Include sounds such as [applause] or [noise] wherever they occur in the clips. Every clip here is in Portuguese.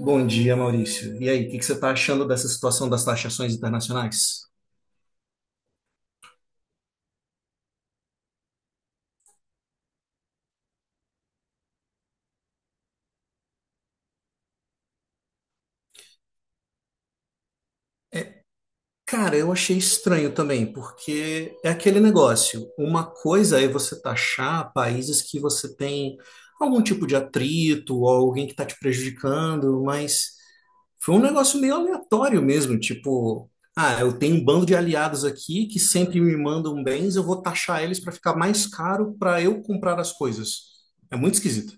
Bom dia, Maurício. E aí, o que que você está achando dessa situação das taxações internacionais? Cara, eu achei estranho também, porque é aquele negócio. Uma coisa é você taxar países que você tem algum tipo de atrito ou alguém que está te prejudicando, mas foi um negócio meio aleatório mesmo, tipo, ah, eu tenho um bando de aliados aqui que sempre me mandam bens, eu vou taxar eles para ficar mais caro para eu comprar as coisas. É muito esquisito.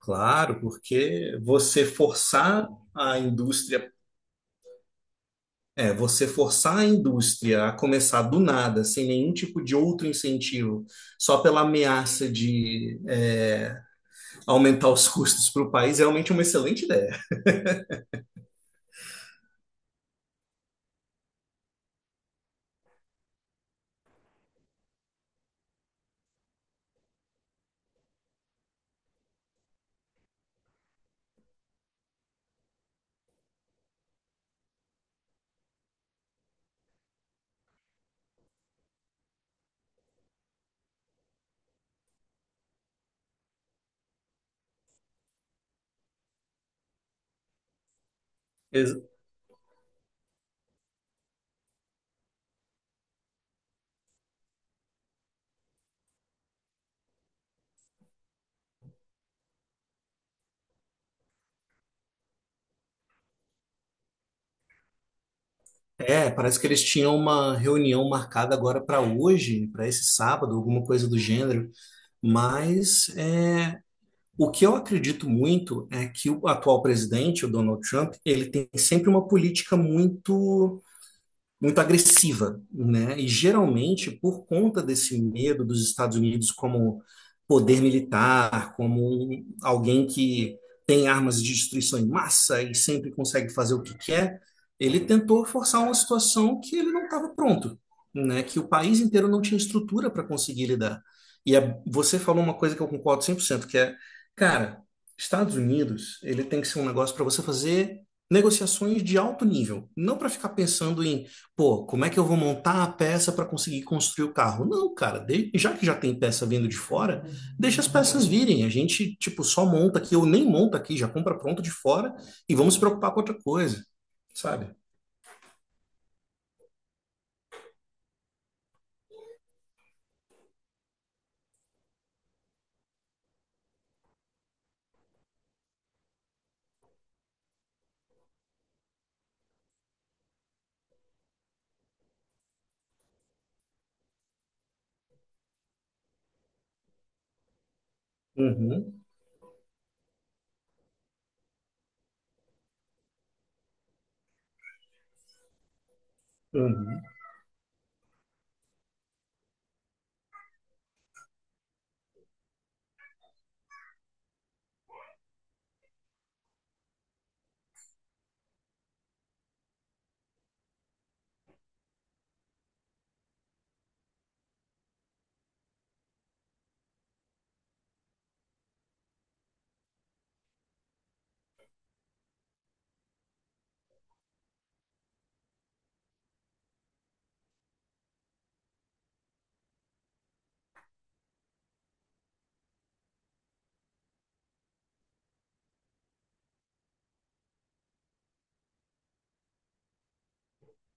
Claro, porque você forçar a indústria, é, você forçar a indústria a começar do nada, sem nenhum tipo de outro incentivo, só pela ameaça de aumentar os [laughs] custos para o país, é realmente uma excelente ideia. Ex- É, parece que eles tinham uma reunião marcada agora para hoje, para esse sábado, alguma coisa do gênero, mas o que eu acredito muito é que o atual presidente, o Donald Trump, ele tem sempre uma política muito agressiva, né? E geralmente por conta desse medo dos Estados Unidos como poder militar, como alguém que tem armas de destruição em massa e sempre consegue fazer o que quer, ele tentou forçar uma situação que ele não estava pronto, né? Que o país inteiro não tinha estrutura para conseguir lidar. E você falou uma coisa que eu concordo 100%, que é, cara, Estados Unidos, ele tem que ser um negócio para você fazer negociações de alto nível, não para ficar pensando em pô, como é que eu vou montar a peça para conseguir construir o carro? Não, cara, já que já tem peça vindo de fora, deixa as peças virem. A gente, tipo, só monta aqui, ou nem monta aqui, já compra pronto de fora e vamos se preocupar com outra coisa, sabe? Uhum, uhum.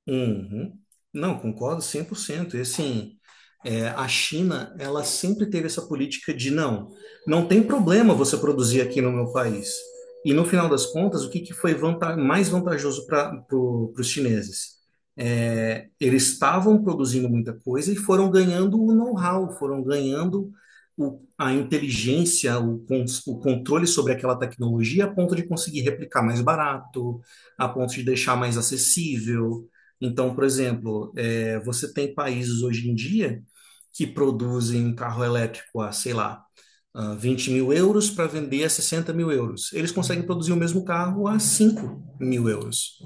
Uhum. Não, concordo 100%. E assim, é, a China, ela sempre teve essa política de não, não tem problema você produzir aqui no meu país. E no final das contas, o que, que foi mais vantajoso para os chineses? É, eles estavam produzindo muita coisa e foram ganhando o know-how, foram ganhando a inteligência, o, o controle sobre aquela tecnologia a ponto de conseguir replicar mais barato, a ponto de deixar mais acessível. Então, por exemplo, é, você tem países hoje em dia que produzem um carro elétrico a, sei lá, ah, 20 mil euros para vender a 60 mil euros. Eles conseguem produzir o mesmo carro a 5 mil euros,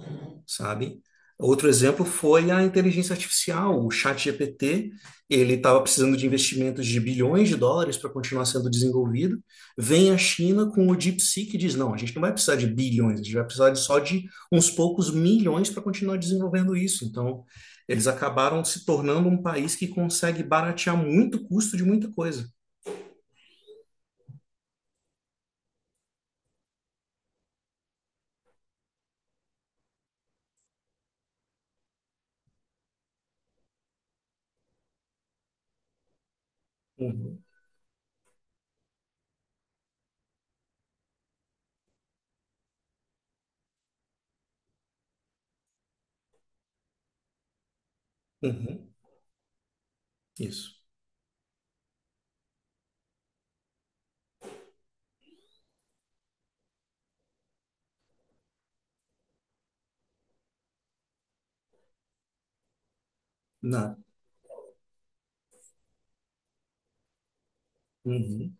sabe? Outro exemplo foi a inteligência artificial, o ChatGPT. Ele estava precisando de investimentos de bilhões de dólares para continuar sendo desenvolvido. Vem a China com o DeepSeek, que diz: não, a gente não vai precisar de bilhões, a gente vai precisar de só de uns poucos milhões para continuar desenvolvendo isso. Então, eles acabaram se tornando um país que consegue baratear muito o custo de muita coisa. Uhum, uhum, isso. Não, uhum.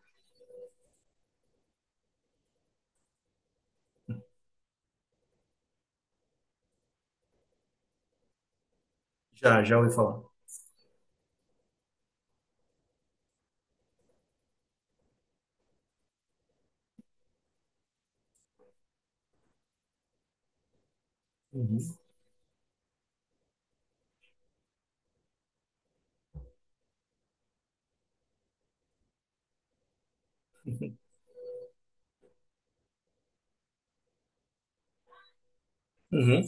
Já, já ouvi falar. Uhum, uhum.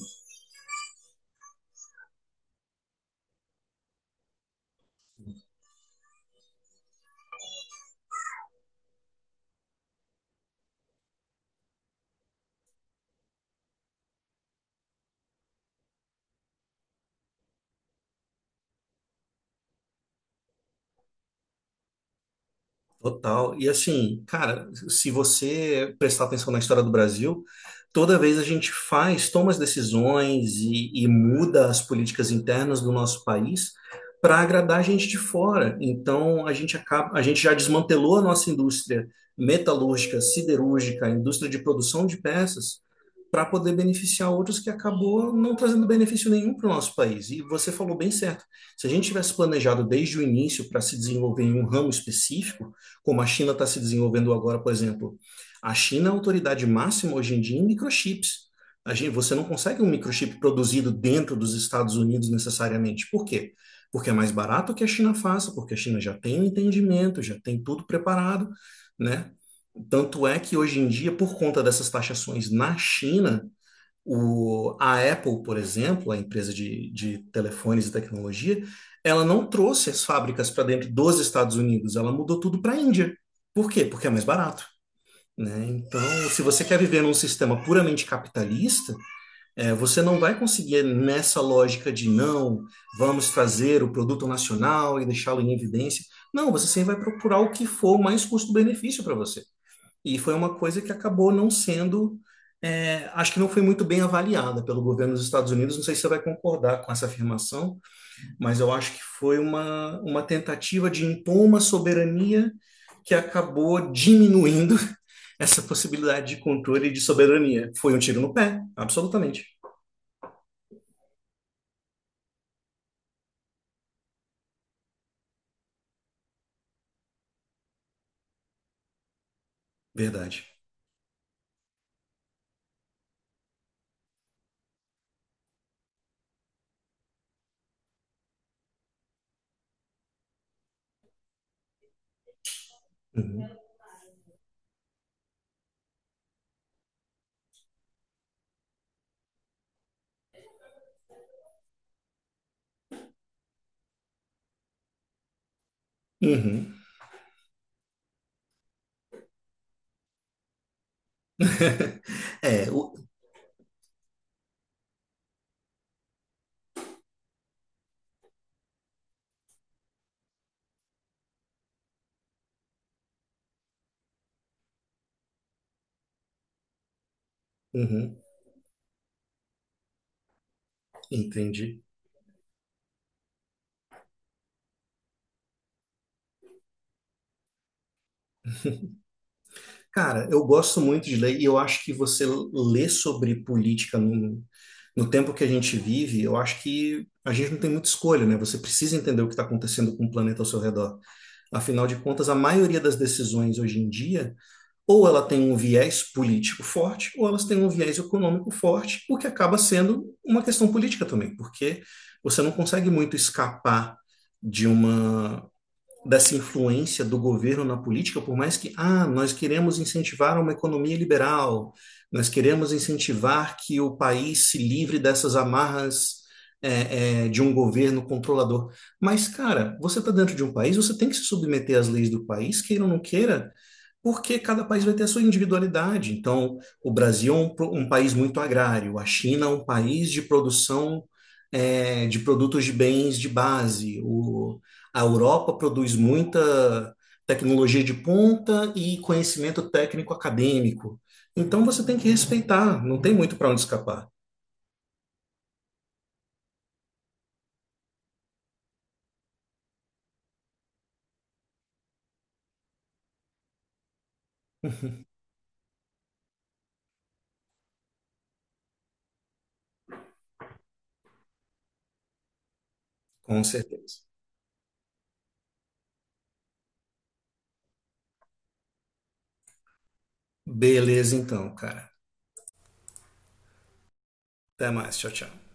Total. E assim, cara, se você prestar atenção na história do Brasil, toda vez a gente faz, toma as decisões e muda as políticas internas do nosso país para agradar a gente de fora. Então a gente acaba, a gente já desmantelou a nossa indústria metalúrgica, siderúrgica, a indústria de produção de peças para poder beneficiar outros, que acabou não trazendo benefício nenhum para o nosso país. E você falou bem certo. Se a gente tivesse planejado desde o início para se desenvolver em um ramo específico, como a China está se desenvolvendo agora, por exemplo, a China é a autoridade máxima hoje em dia em microchips. A gente, você não consegue um microchip produzido dentro dos Estados Unidos necessariamente. Por quê? Porque é mais barato que a China faça, porque a China já tem o entendimento, já tem tudo preparado, né? Tanto é que hoje em dia, por conta dessas taxações na China, o, a Apple, por exemplo, a empresa de telefones e tecnologia, ela não trouxe as fábricas para dentro dos Estados Unidos, ela mudou tudo para a Índia. Por quê? Porque é mais barato, né? Então, se você quer viver num sistema puramente capitalista, é, você não vai conseguir nessa lógica de não, vamos trazer o produto nacional e deixá-lo em evidência. Não, você sempre vai procurar o que for mais custo-benefício para você. E foi uma coisa que acabou não sendo, é, acho que não foi muito bem avaliada pelo governo dos Estados Unidos. Não sei se você vai concordar com essa afirmação, mas eu acho que foi uma tentativa de impor uma soberania que acabou diminuindo essa possibilidade de controle e de soberania. Foi um tiro no pé, absolutamente. Verdade. Uhum. Uhum. [laughs] É, o- uhum. Entendi. Cara, eu gosto muito de ler e eu acho que você ler sobre política no, no tempo que a gente vive, eu acho que a gente não tem muita escolha, né? Você precisa entender o que está acontecendo com o planeta ao seu redor. Afinal de contas, a maioria das decisões hoje em dia ou ela tem um viés político forte, ou elas têm um viés econômico forte, o que acaba sendo uma questão política também, porque você não consegue muito escapar de uma dessa influência do governo na política, por mais que, ah, nós queremos incentivar uma economia liberal, nós queremos incentivar que o país se livre dessas amarras, de um governo controlador. Mas, cara, você está dentro de um país, você tem que se submeter às leis do país, queira ou não queira, porque cada país vai ter a sua individualidade. Então, o Brasil é um, um país muito agrário, a China é um país de produção, de produtos de bens de base, o, a Europa produz muita tecnologia de ponta e conhecimento técnico acadêmico. Então, você tem que respeitar, não tem muito para onde escapar, com certeza. Beleza, então, cara. Até mais, tchau, tchau.